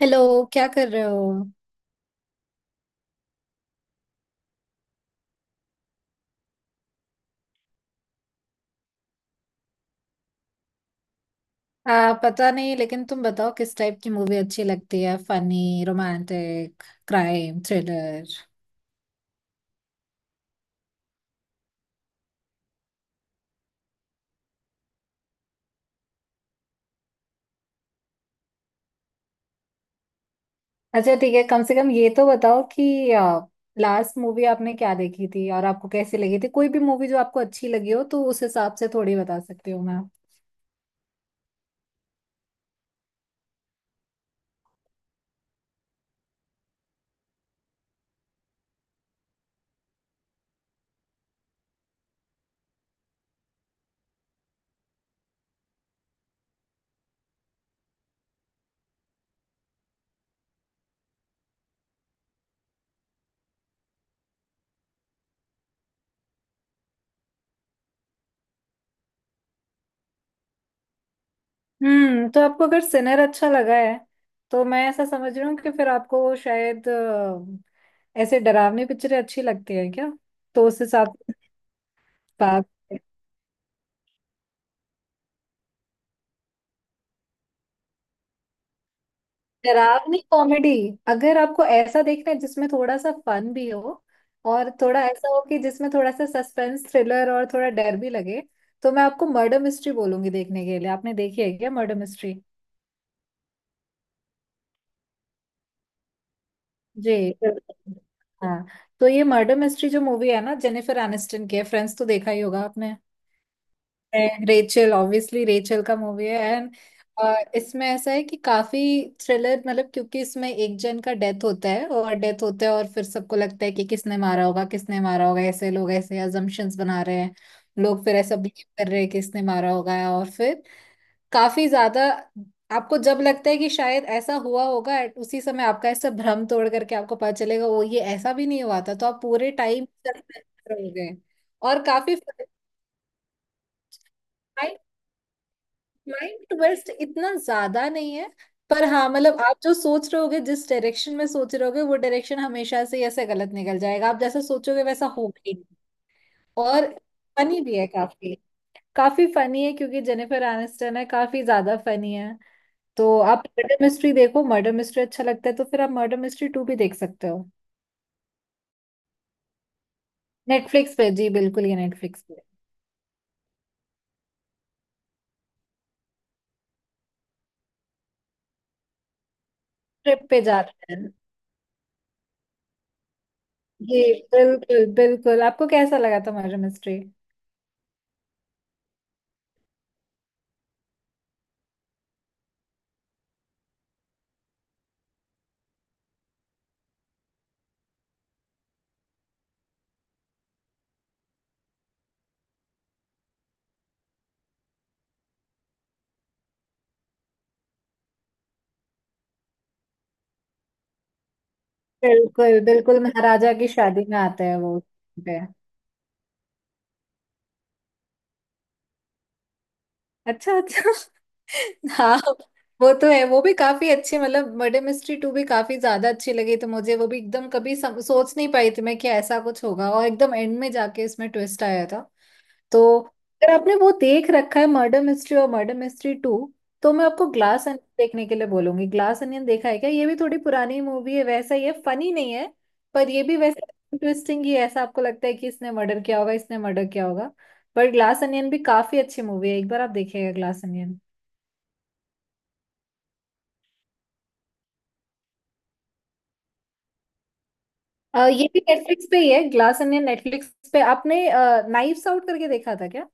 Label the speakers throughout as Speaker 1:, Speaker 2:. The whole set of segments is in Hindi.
Speaker 1: हेलो। क्या कर रहे हो? पता नहीं, लेकिन तुम बताओ किस टाइप की मूवी अच्छी लगती है, फनी, रोमांटिक, क्राइम, थ्रिलर? अच्छा, ठीक है। कम से कम ये तो बताओ कि लास्ट मूवी आपने क्या देखी थी और आपको कैसी लगी थी। कोई भी मूवी जो आपको अच्छी लगी हो तो उस हिसाब से थोड़ी बता सकती हूँ मैं। हम्म, तो आपको अगर सिनर अच्छा लगा है तो मैं ऐसा समझ रही हूँ कि फिर आपको शायद ऐसे डरावनी पिक्चरें अच्छी लगती है क्या? तो उस हिसाब से बात। डरावनी कॉमेडी, अगर आपको ऐसा देखना है जिसमें थोड़ा सा फन भी हो और थोड़ा ऐसा हो कि जिसमें थोड़ा सा सस्पेंस थ्रिलर और थोड़ा डर भी लगे, तो मैं आपको मर्डर मिस्ट्री बोलूंगी देखने के लिए। आपने देखी है क्या मर्डर मिस्ट्री? जी बिल्कुल। हाँ, तो ये मर्डर मिस्ट्री जो मूवी है ना, जेनिफर एनिस्टन की है। फ्रेंड्स तो देखा ही होगा आपने, रेचल, ऑब्वियसली रेचल का मूवी है। एंड इसमें ऐसा है कि काफी थ्रिलर, मतलब क्योंकि इसमें एक जन का डेथ होता है, और डेथ होता है, और फिर सबको लगता है कि किसने मारा होगा, किसने मारा होगा। ऐसे लोग ऐसे अजम्पशंस बना रहे हैं। लोग फिर ऐसा बिलीव कर रहे हैं कि इसने मारा होगा, और फिर काफी ज्यादा आपको जब लगता है कि शायद ऐसा हुआ होगा at उसी समय आपका ऐसा भ्रम तोड़ करके आपको पता चलेगा वो ये ऐसा भी नहीं हुआ था, तो आप पूरे टाइम हो गए। और काफी माइंड ट्विस्ट इतना ज्यादा नहीं है, पर हाँ, मतलब आप जो सोच रहे होगे जिस डायरेक्शन में सोच रहे होगे वो डायरेक्शन हमेशा से ही ऐसे गलत निकल जाएगा। आप जैसा सोचोगे वैसा होगा ही नहीं। और फनी भी है काफी। काफी फनी है क्योंकि जेनिफर एनिस्टन है, काफी ज्यादा फनी है। तो आप मर्डर मिस्ट्री देखो। मर्डर मिस्ट्री अच्छा लगता है तो फिर आप मर्डर मिस्ट्री टू भी देख सकते हो। नेटफ्लिक्स पे, जी बिल्कुल, ये नेटफ्लिक्स पे। ट्रिप पे जाते हैं। जी बिल्कुल बिल्कुल, आपको कैसा लगा था मर्डर मिस्ट्री? बिल्कुल बिल्कुल, महाराजा की शादी में आता है वो, पे। अच्छा अच्छा। हाँ, वो तो है। वो भी काफी अच्छी, मतलब मर्डर मिस्ट्री टू भी काफी ज्यादा अच्छी लगी तो मुझे। वो भी एकदम कभी सोच नहीं पाई थी मैं कि ऐसा कुछ होगा, और एकदम एंड में जाके इसमें ट्विस्ट आया था। तो अगर आपने वो देख रखा है मर्डर मिस्ट्री और मर्डर मिस्ट्री टू, तो मैं आपको ग्लास अनियन देखने के लिए बोलूंगी। ग्लास अनियन देखा है क्या? ये भी थोड़ी पुरानी मूवी है, वैसा ही है, फनी नहीं है, पर ये भी वैसे इंटरेस्टिंग ही है। ऐसा आपको लगता है कि इसने मर्डर किया होगा, इसने मर्डर किया होगा, बट ग्लास अनियन भी काफी अच्छी मूवी है। एक बार आप देखिएगा ग्लास अनियन। ये भी नेटफ्लिक्स पे ही है। ग्लास अनियन नेटफ्लिक्स पे। आपने नाइफ्स आउट करके देखा था क्या?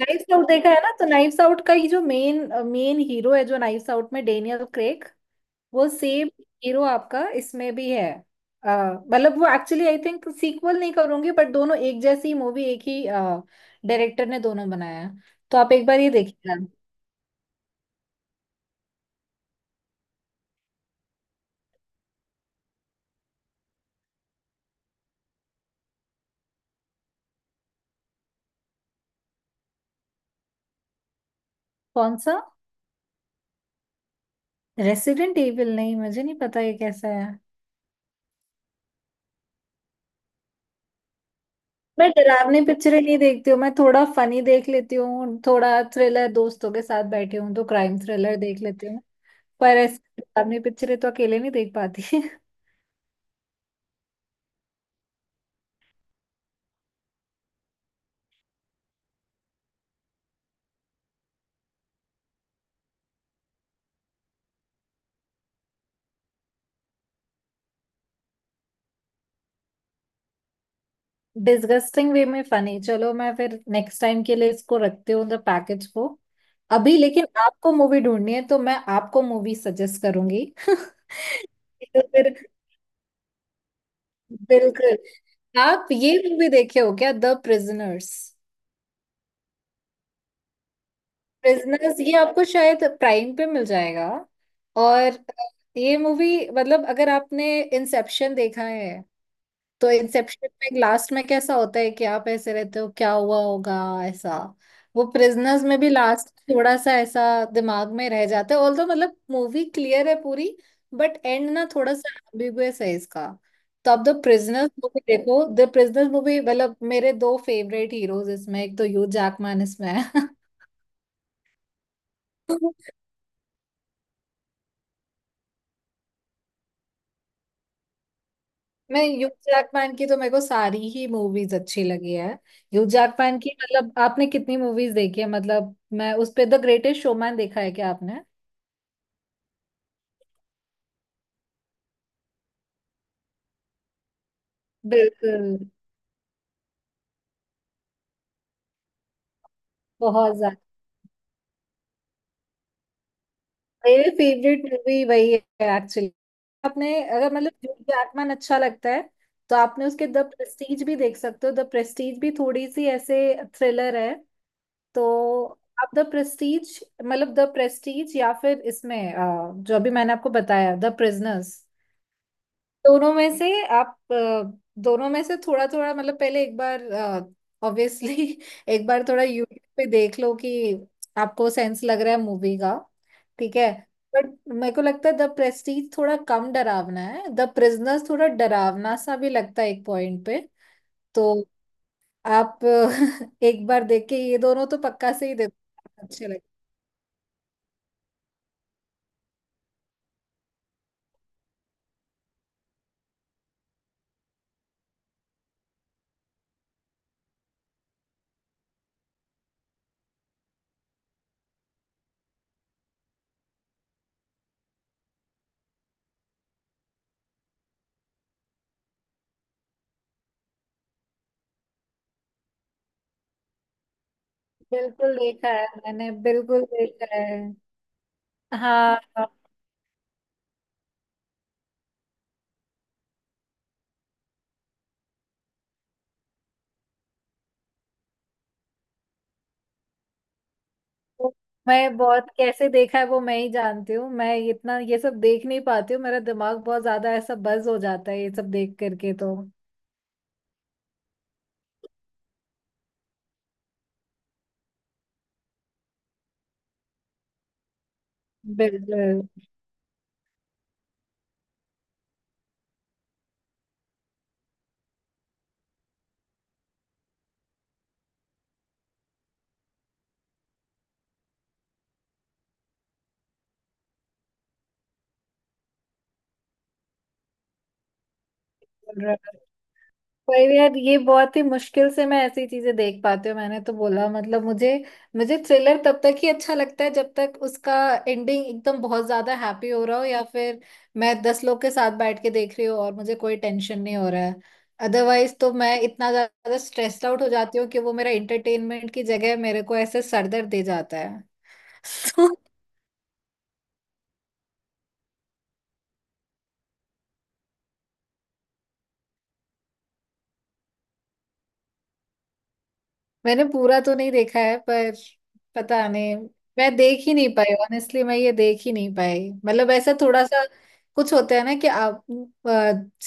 Speaker 1: नाइफ्स आउट देखा है ना, तो नाइफ्स आउट का ये जो मेन मेन हीरो है, जो नाइफ्स आउट में डेनियल क्रेग, वो सेम हीरो आपका इसमें भी है। अ, मतलब वो एक्चुअली आई थिंक सीक्वल नहीं करूंगी, बट दोनों एक जैसी मूवी, एक ही डायरेक्टर ने दोनों बनाया है। तो आप एक बार ये देखिएगा। कौन सा? रेसिडेंट एविल नहीं, मुझे नहीं पता ये कैसा है। मैं डरावनी पिक्चरें नहीं देखती हूँ। मैं थोड़ा फनी देख लेती हूँ, थोड़ा थ्रिलर, दोस्तों के साथ बैठी हूँ तो क्राइम थ्रिलर देख लेती हूँ। पर ऐसे डरावनी पिक्चरें तो अकेले नहीं देख पाती। डिस्गस्टिंग वे में फनी? चलो, मैं फिर नेक्स्ट टाइम के लिए इसको रखती हूँ, द पैकेज को। अभी लेकिन आपको मूवी ढूंढनी है तो मैं आपको मूवी सजेस्ट करूंगी। तो फिर बिल्कुल। आप ये मूवी देखे हो क्या, द प्रिजनर्स? प्रिजनर्स ये आपको शायद प्राइम पे मिल जाएगा। और ये मूवी, मतलब अगर आपने इंसेप्शन देखा है, तो इंसेप्शन में लास्ट में कैसा होता है कि आप ऐसे रहते हो क्या हुआ होगा, ऐसा। वो प्रिजनर्स में भी लास्ट थोड़ा सा ऐसा दिमाग में रह जाता है, ऑल्दो मतलब मूवी क्लियर है पूरी, बट एंड ना थोड़ा सा एम्बिगुअस है इसका। तो आप द प्रिजनर्स मूवी देखो। द प्रिजनर्स मूवी मतलब मेरे दो फेवरेट हीरोज इसमें, एक तो ह्यू जैकमैन इसमें है। मैं ह्यू जैकमैन की तो, मेरे को सारी ही मूवीज अच्छी लगी है ह्यू जैकमैन की। मतलब आपने कितनी मूवीज देखी है मतलब? मैं उस पे द ग्रेटेस्ट शोमैन, देखा है क्या आपने? बिल्कुल। बहुत ज्यादा, मेरी फेवरेट मूवी वही है एक्चुअली। आपने अगर मतलब ह्यू जैकमैन अच्छा लगता है, तो आपने उसके द प्रेस्टीज भी देख सकते हो। द प्रेस्टीज भी थोड़ी सी ऐसे थ्रिलर है। तो आप द प्रेस्टीज, मतलब द प्रेस्टीज या फिर इसमें जो अभी मैंने आपको बताया, द प्रिजनर्स, दोनों में से। आप दोनों में से थोड़ा थोड़ा, मतलब पहले एक बार, ऑब्वियसली एक बार थोड़ा यूट्यूब पे देख लो कि आपको सेंस लग रहा है मूवी का, ठीक है? बट मेरे को लगता है द प्रेस्टीज थोड़ा कम डरावना है, द प्रिजनर्स थोड़ा डरावना सा भी लगता है एक पॉइंट पे। तो आप एक बार देख के ये दोनों तो पक्का से ही देखो, अच्छे लगे। बिल्कुल देखा है मैंने, बिल्कुल देखा है। हाँ, वो मैं बहुत कैसे देखा है वो मैं ही जानती हूँ। मैं इतना ये सब देख नहीं पाती हूँ, मेरा दिमाग बहुत ज्यादा ऐसा बज हो जाता है ये सब देख करके, तो बिल्कुल। और पर यार ये बहुत ही मुश्किल से मैं ऐसी चीजें देख पाती हूँ। मैंने तो बोला मतलब मुझे मुझे थ्रिलर तब तक ही अच्छा लगता है जब तक उसका एंडिंग एकदम बहुत ज्यादा हैप्पी हो रहा हो, या फिर मैं 10 लोग के साथ बैठ के देख रही हूँ और मुझे कोई टेंशन नहीं हो रहा है। अदरवाइज तो मैं इतना ज्यादा स्ट्रेस्ड आउट हो जाती हूँ कि वो मेरा एंटरटेनमेंट की जगह मेरे को ऐसे सरदर्द दे जाता है। मैंने पूरा तो नहीं देखा है पर, पता नहीं, मैं देख ही नहीं पाई ऑनेस्टली। मैं ये देख ही नहीं पाई, मतलब ऐसा थोड़ा सा कुछ होता है ना कि आप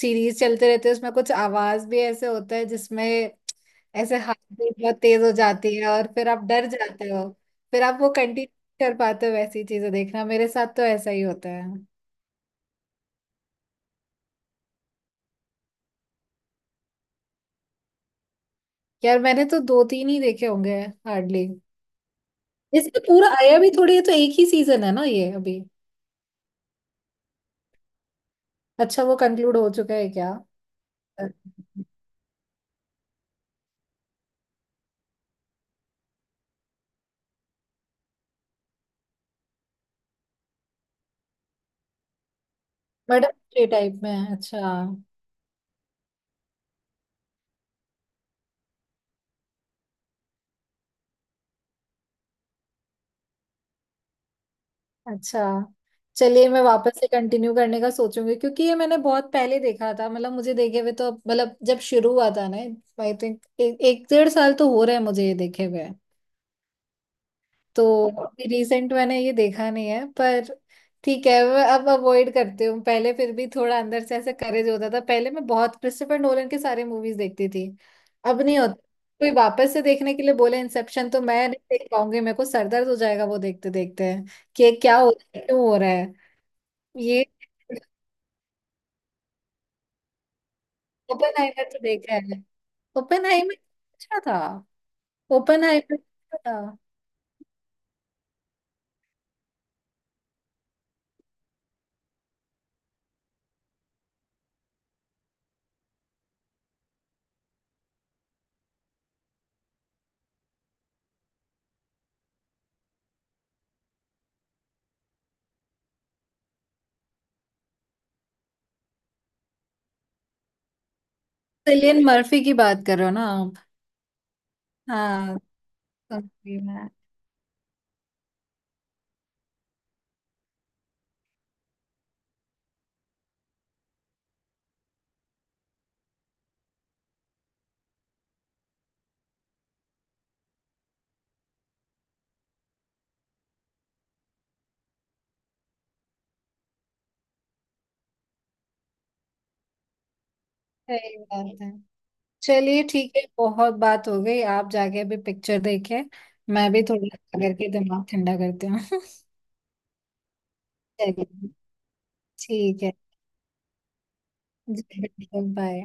Speaker 1: सीरीज चलते रहते हैं, उसमें कुछ आवाज भी ऐसे होता है जिसमें ऐसे हाथ भी बहुत तेज हो जाती है और फिर आप डर जाते हो। फिर आप वो कंटिन्यू कर पाते हो वैसी चीजें देखना? मेरे साथ तो ऐसा ही होता है। यार मैंने तो दो तीन ही देखे होंगे, हार्डली। इसमें पूरा आया भी थोड़ी है, तो एक ही सीजन है ना ये अभी? अच्छा, वो कंक्लूड हो चुका है क्या? मैडम। थ्री टाइप में है? अच्छा अच्छा। चलिए मैं वापस से कंटिन्यू करने का सोचूंगी, क्योंकि ये मैंने बहुत पहले देखा था। मतलब मुझे देखे हुए तो, मतलब जब शुरू हुआ था ना, आई थिंक एक एक 1.5 साल तो हो रहा है मुझे ये देखे हुए। तो अभी रिसेंट मैंने ये देखा नहीं है पर, ठीक है, मैं अब अवॉइड करती हूँ। पहले फिर भी थोड़ा अंदर से ऐसा करेज होता था, पहले मैं बहुत क्रिस्टोफर नोलन के सारे मूवीज देखती थी। अब नहीं होता। कोई वापस से देखने के लिए बोले इंसेप्शन तो मैं नहीं देख पाऊंगी, मेरे को सर दर्द हो जाएगा वो देखते देखते कि ये क्या हो रहा है क्यों हो रहा है। ये ओपेनहाइमर तो देखा है। ओपेनहाइमर अच्छा था। ओपेनहाइमर अच्छा था। सिलियन मर्फी की बात करो ना आप? हाँ, समझी मैं। सही बात है। चलिए ठीक है, बहुत बात हो गई, आप जाके अभी पिक्चर देखें। मैं भी थोड़ी करके दिमाग ठंडा करती हूँ। चलिए ठीक है। बाय।